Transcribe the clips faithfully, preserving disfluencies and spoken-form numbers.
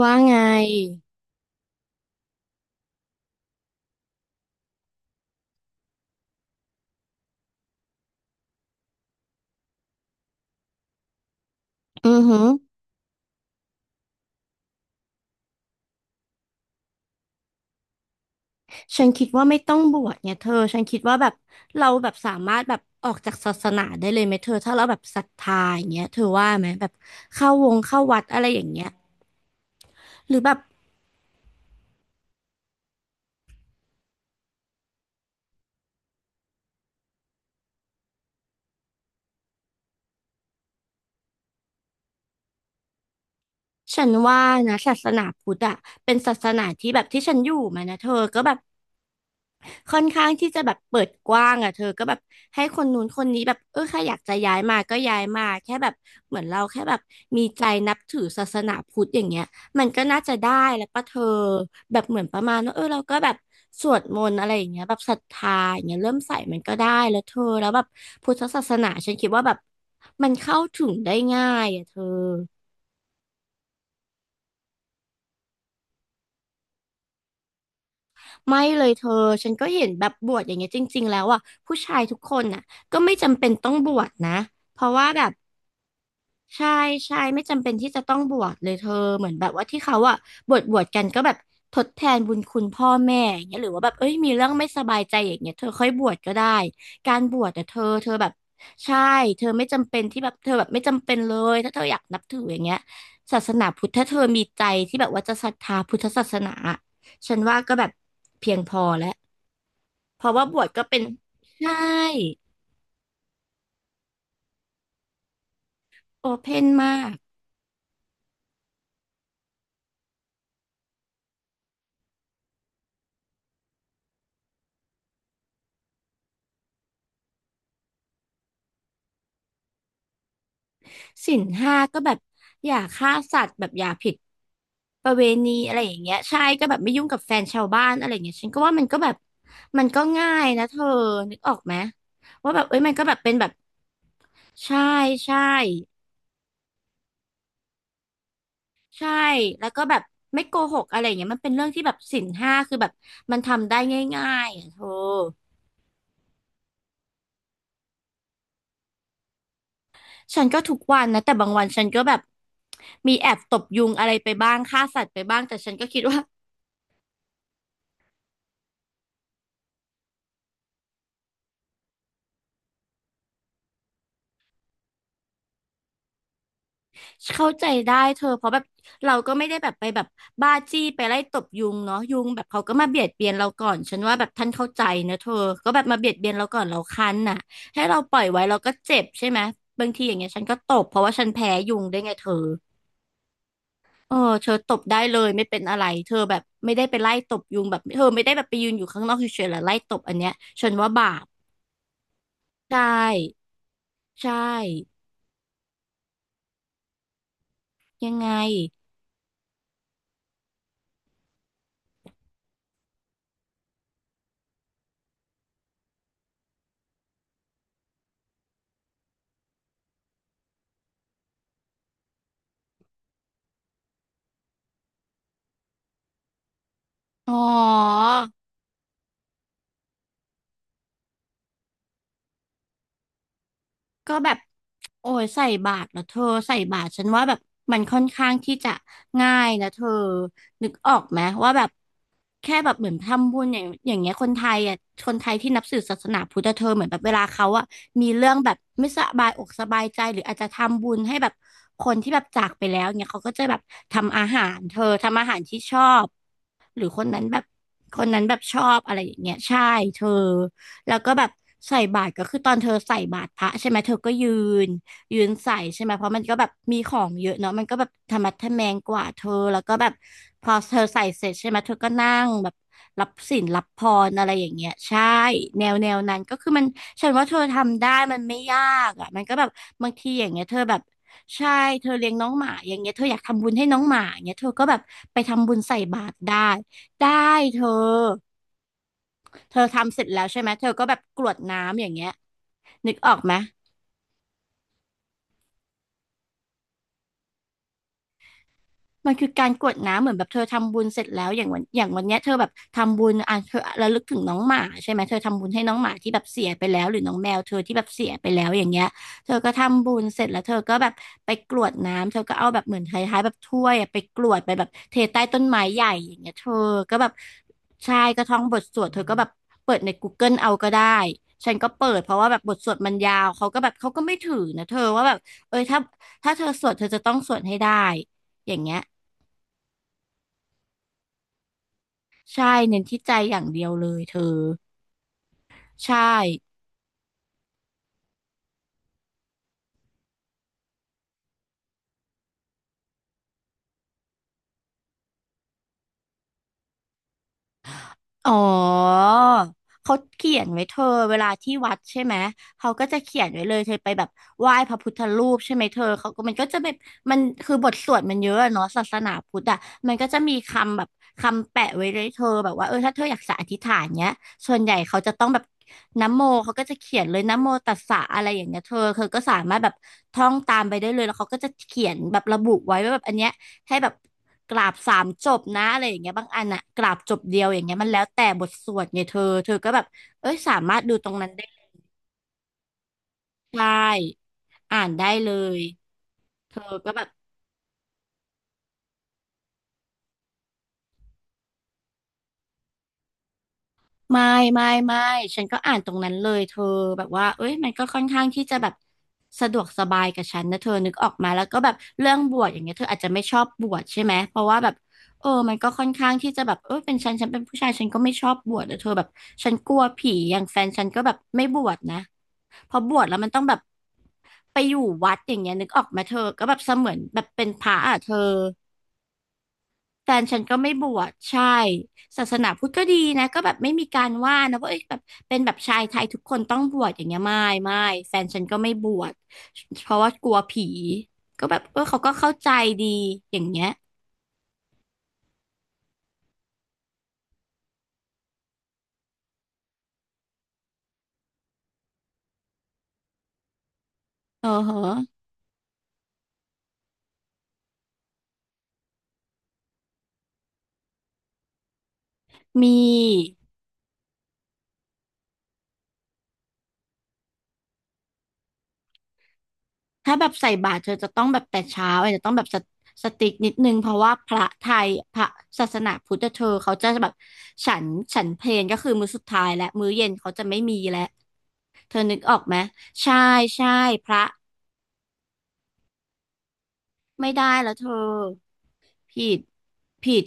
ว่าไงอือหือฉันคิดว่าไม่ต้องบวชเนี่ยเธอฉันคิดว่าแบบเราแบบสามารถแบบออกจากศาสนาได้เลยไหมเธอถ้าเราแบบศรัทธาอย่างเงี้ยเธอว่าไหมแบบเข้าวงเข้าวัดอะไรอย่างเงี้ยหรือแบบฉันว่านะศาสนาพุทธอะเป็นศาสนาที่แบบที่ฉันอยู่มานะเธอก็แบบ ค่อนข้างที่จะแบบเปิดกว้างอ่ะเธอก็แบบให้คนนู้นคนนี้แบบเออใครอยากจะย้ายมาก็ย้ายมาแค่แบบเหมือนเราแค่แบบมีใจนับถือศาสนาพุทธอย่างเงี้ยมันก็น่าจะได้แล้วปะเธอแบบเหมือนประมาณว่าเออเราก็แบบสวดมนต์อะไรอย่างเงี้ยแบบศรัทธาอย่างเงี้ยเริ่มใส่มันก็ได้แล้วเธอแล้วแบบพุทธศาสนาฉันคิดว่าแบบมันเข้าถึงได้ง่ายอ่ะเธอไม่เลยเธอฉันก็เห็นแบบบวชอย่างเงี้ยจริงๆแล้วอ่ะผู้ชายทุกคนน่ะก็ไม่จำเป็นต้องบวชนะเพราะว่าแบบ ใช่ใช่ไม่จำเป็นที่จะต้องบวชเลยเธอเหมือนแบบว่าที่เขาอะบวชบวชกันก็แบบทดแทนบุญคุณพ่อแม่อย่างเงี้ยหรือว่าแบบเอ้ยมีเรื่องไม่สบายใจอย่างเงี้ยเธอค่อยบวชก็ได้การบวชแต่เธอเธอแบบใช่เธอไม่จำเป็นที่แบบเธอแบบไม่จำเป็นเลยถ้าเธออยากนับถืออย่างเงี้ยศาสนาพุทธถ้าเธอมีใจที่แบบว่าจะศรัทธาพุทธศาสนาฉันว่าก็แบบเพียงพอแล้วเพราะว่าบวชก็เป็นใช่โอเพนมาก ศีลห้าก็แบบอย่าฆ่าสัตว์แบบอย่าผิดประเวณีอะไรอย่างเงี้ยใช่ก็แบบไม่ยุ่งกับแฟนชาวบ้านอะไรอย่างเงี้ยฉันก็ว่ามันก็แบบมันก็ง่ายนะเธอนึกออกไหมว่าแบบเอ้ยมันก็แบบเป็นแบบใช่ใช่ใช่แล้วก็แบบไม่โกหกอะไรอย่างเงี้ยมันเป็นเรื่องที่แบบศีลห้าคือแบบมันทำได้ง่ายๆอ่ะเธอฉันก็ทุกวันนะแต่บางวันฉันก็แบบมีแอบตบยุงอะไรไปบ้างฆ่าสัตว์ไปบ้างแต่ฉันก็คิดว่า เข้าใจได้เธอเพราะแบบเราก็ไม่ได้แบบไปแบบบ้าจี้ไปไล่ตบยุงเนาะยุงแบบเขาก็มาเบียดเบียนเราก่อนฉันว่าแบบท่านเข้าใจนะเธอก็แบบมาเบียดเบียนเราก่อนเราคันน่ะให้เราปล่อยไว้เราก็เจ็บใช่ไหมบางทีอย่างเงี้ยฉันก็ตบเพราะว่าฉันแพ้ยุงได้วยไงเธอเออเธอตบได้เลยไม่เป็นอะไรเธอแบบไม่ได้ไปไล่ตบยุงแบบเธอไม่ได้แบบไปยืนอยู่ข้างนอกเฉยๆแล้วไล่ตบอันเนี้ยฉันว่าบาปใช่ใช่ยังไงอ๋อ ก็แบบโอ้ยใส่บาตรแล้วเธอใส่บาตรฉันว่าแบบมันค่อนข้างที่จะง่ายนะเธอนึกออกไหมว่าแบบแค่แบบเหมือนทำบุญอย่างอย่างเงี้ยคนไทยอ่ะคนไทยที่นับถือศาสนาพุทธเธอเหมือนแบบเวลาเขาอ่ะมีเรื่องแบบไม่สบายอกสบายใจหรืออาจจะทำบุญให้แบบคนที่แบบจากไปแล้วเนี่ยเขาก็จะแบบทำอาหารเธอทำอาหารที่ชอบ หรือคนนั้นแบบคนนั้นแบบชอบอะไรอย่างเงี้ยใช่เธอแล้วก็แบบใส่บาตรก็คือตอนเธอใส่บาตรพระใช่ไหมเธอก็ยืนยืนใส่ใช่ไหมเพราะมันก็แบบมีของเยอะเนาะมันก็แบบธรรมะทะแมงกว่าเธอแล้วก็แบบพอเธอใส่เสร็จใช่ไหมเธอก็นั่งแบบรับศีลรับพรอะไรอย่างเงี้ยใช่แนวแนวนั้นก็คือมันฉันว่าเธอทำได้มันไม่ยากอ่ะมันก็แบบบางทีอย่างเงี้ยเธอแบบใช่เธอเลี้ยงน้องหมาอย่างเงี้ยเธออยากทำบุญให้น้องหมาอย่างเงี้ยเธอก็แบบไปทำบุญใส่บาตรได้ ได้เธอ เธอทำเสร็จแล้วใช่ไหม เธอก็แบบกรวดน้ำอย่างเงี้ยนึกออกไหม มันคือการกรวดน้ำเหมือนแบบเธอทำบุญเสร็จแล้วอย่างวันอย่างวันเนี้ยเธอแบบทำบุญอ่ะเธอระลึกถึงน้องหมาใช่ไหมเธอทำบุญให้น้องหมาที่แบบเสียไปแล้วหรือน้องแมวเธอที่แบบเสียไปแล้วอย่างเงี้ยเธอก็ทำบุญเสร็จแล้วเธอก็แบบไปกรวดน้ำเธอก็เอาแบบเหมือนคล้ายๆแบบถ้วยอะไปกรวดไปแบบเทใต้ต้นไม้ใหญ่อย่างเงี้ยเธอก็แบบใช่ก็ท่องบทสวดเธอก็แบบเปิดในกูเกิ อี เอาก็ได้ฉันก็เปิดเพราะว่าแบบบทสวดมันยาวเขาก็แบบเขาก็ไม่ถือนะเธอว่าแบบเอ้ยถ้าถ้าเธอสวดเธอจะต้องสวดให้ได้อย่างเงี้ย ใช่เน้นที่ใจอย่างเดียวเลยเธอใช่อ๋อเขาเขียนไว้เธอเวลาที่วัดใช่ไหมเขาก็จะเขียนไว้เลยเธอไปแบบไหว้พระพุทธรูปใช่ไหมเธอเขาก็มันก็จะแบบมันคือบทสวดมันเยอะอะเนาะศาสนาพุทธอ่ะมันก็จะมีคำแบบคำแปะไว้เลยเธอแบบว่าเออถ้าเธออยากจะอธิษฐานเนี้ยส่วนใหญ่เขาจะต้องแบบนะโมเขาก็จะเขียนเลยนะโมตัสสะอะไรอย่างเงี้ยเธอเธอก็สามารถแบบท่องตามไปได้เลยแล้วเขาก็จะเขียนแบบระบุไว้ว่าแบบอันเนี้ย ให้แบบกราบสามจบนะอะไรอย่างเงี้ยบางอันอะกราบจบเดียวอย่างเงี้ยมันแล้วแต่บทสวดไงเธอเธอก็แบบเอ้ยสามารถดูตรงนั้นได้ใช่อ่านได้เลยเธอก็แบบไม่ไม่ไม่ฉันก็อ่านตรงนั้นเลยเธอแบบว่าเอ้ยมันก็ค่อนข้างที่จะแบบสะดวกสบายกับฉันนะเธอนึกออกมาแล้วก็แบบเรื่องบวชอย่างเงี้ยเธออาจจะไม่ชอบบวชใช่ไหมเพราะว่าแบบเออมันก็ค่อนข้างที่จะแบบเออเป็นฉันฉันเป็นผู้ชายฉันก็ไม่ชอบบวชนะเธอแบบฉันกลัวผีอย่างแฟนฉันก็แบบไม่บวชนะ พอบวชแล้วมันต้องแบบไปอยู่วัดอย่างเงี้ยนึกออกไหมเธอก็แบบเสมือนแบบเป็นพระอ่ะเธอแฟนฉันก็ไม่บวชใช่ศาสนาพุทธก็ดีนะก็แบบไม่มีการว่านะว่าเอ้ยแบบเป็นแบบชายไทยทุกคนต้องบวชอย่างเงี้ยไม่ไม่แฟนฉันก็ไม่บวชเพราะว่ากลัวผีก็แบบเออเขาก็เข้าใจดีอย่างเงี้ยเออเหรอมี ถ้าแบบใส่บาตรเธอจะต้องแบบแต่เช้าอาจจะต้องแบบสตสติกนิดนึงเพราะว่าพระไทยพระศาสนาพุทธเธอเขาจะแบบฉันฉันเพลก็คือมื้อสุดท้ายและมื้อเย็นเขาจะไม่มีแล้วเธอนึกออกไหมใช่ใช่พระไม่ได้แล้วเธอผิดผิด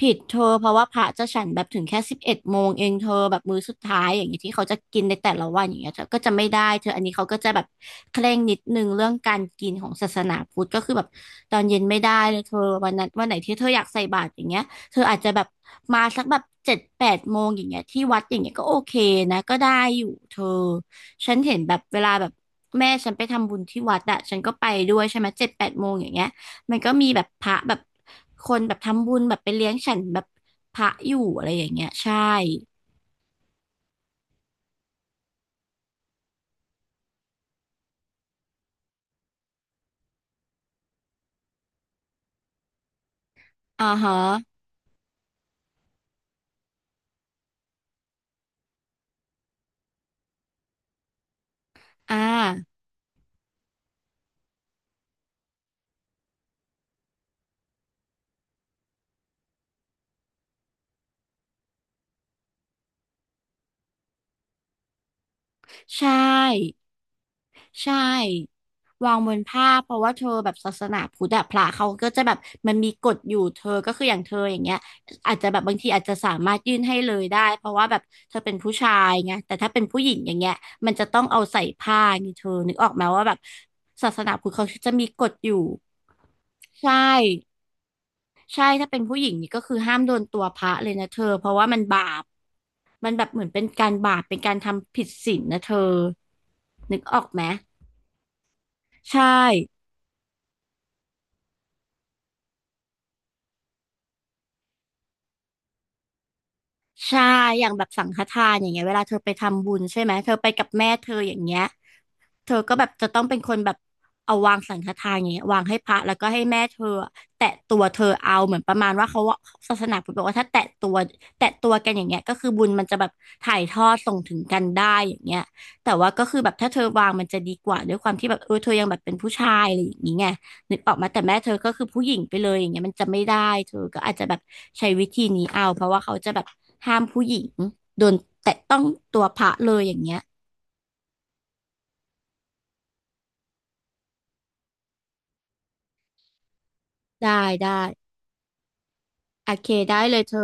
ผิดเธอเพราะว่าพระจะฉันแบบถึงแค่สิบเอ็ดโมงเองเธอแบบมื้อสุดท้ายอย่างเงี้ยที่เขาจะกินในแต่ละวันอย่างเงี้ยเธอก็จะไม่ได้เธออันนี้เขาก็จะแบบเคร่งนิดนึงเรื่องการกินของศาสนาพุทธก็คือแบบตอนเย็นไม่ได้เลยเธอวันนั้นวันไหนที่เธออยากใส่บาตรอย่างเงี้ยเธออาจจะแบบมาสักแบบเจ็ดแปดโมงอย่างเงี้ยที่วัดอย่างเงี้ยก็โอเคนะก็ได้อยู่เธอฉันเห็นแบบเวลาแบบแม่ฉันไปทำบุญที่วัดอะฉันก็ไปด้วยใช่ไหมเจ็ดแปดโมงอย่างเงี้ย มันก็มีแบบพระแบบคนแบบทำบุญแบบไปเลี้ยงฉันแบบพระอยู่อะไรอย่างเงี้ยใช่อ่าฮะอ่า ใช่ ใช่วางบนผ้าเพราะว่าเธอแบบศาสนาพุทธอะพระเขาก็จะแบบมันมีกฎอยู่เธอก็คืออย่างเธออย่างเงี้ยอาจจะแบบบางทีอาจจะสามารถยื่นให้เลยได้เพราะว่าแบบเธอเป็นผู้ชายไงแต่ถ้าเป็นผู้หญิงอย่างเงี้ยมันจะต้องเอาใส่ผ้าไงเธอนึกออกไหมว่าแบบศาสนาพุทธเขาจะมีกฎอยู่ใช่ ใช่ถ้าเป็นผู้หญิงนี่ก็คือห้ามโดนตัวพระเลยนะเธอเพราะว่ามันบาปมันแบบเหมือนเป็นการบาปเป็นการทำผิดศีลนะเธอนึกออกไหมใช่ใช่อย่างแบบสังฆทานอย่างเงี้ยเวลาเธอไปทำบุญใช่ไหมเธอไปกับแม่เธออย่างเงี้ย เธอก็แบบจะต้องเป็นคนแบบเอาวางสังฆทานอย่างเงี้ยวางให้พระแล้วก็ให้แม่เธออะแตะตัวเธอเอาเหมือนประมาณว่าเขาว่าศาสนาพุทธบอกว่าถ้าแตะตัวแตะตัวกันอย่างเงี้ยก็คือบุญมันจะแบบถ่ายทอดส่งถึงกันได้อย่างเงี้ยแต่ว่าก็คือแบบถ้าเธอวางมันจะดีกว่าด้วยความที่แบบเออเธอยังแบบเป็นผู้ชายอะไรอย่างงี้ไงนึกออกมาแต่แม่เธอก็คือผู้หญิงไปเลยอย่างเงี้ยมันจะไม่ได้เธอก็อาจจะแบบใช้วิธีนี้เอาเพราะว่าเขาจะแบบห้ามผู้หญิงโดนแตะต้องตัวพระเลยอย่างเงี้ยได้ได้ โอเคได้เลยเธอ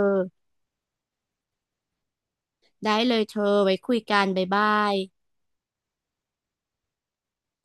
ได้เลยเธอไว้คุยกันบ๊ายบาย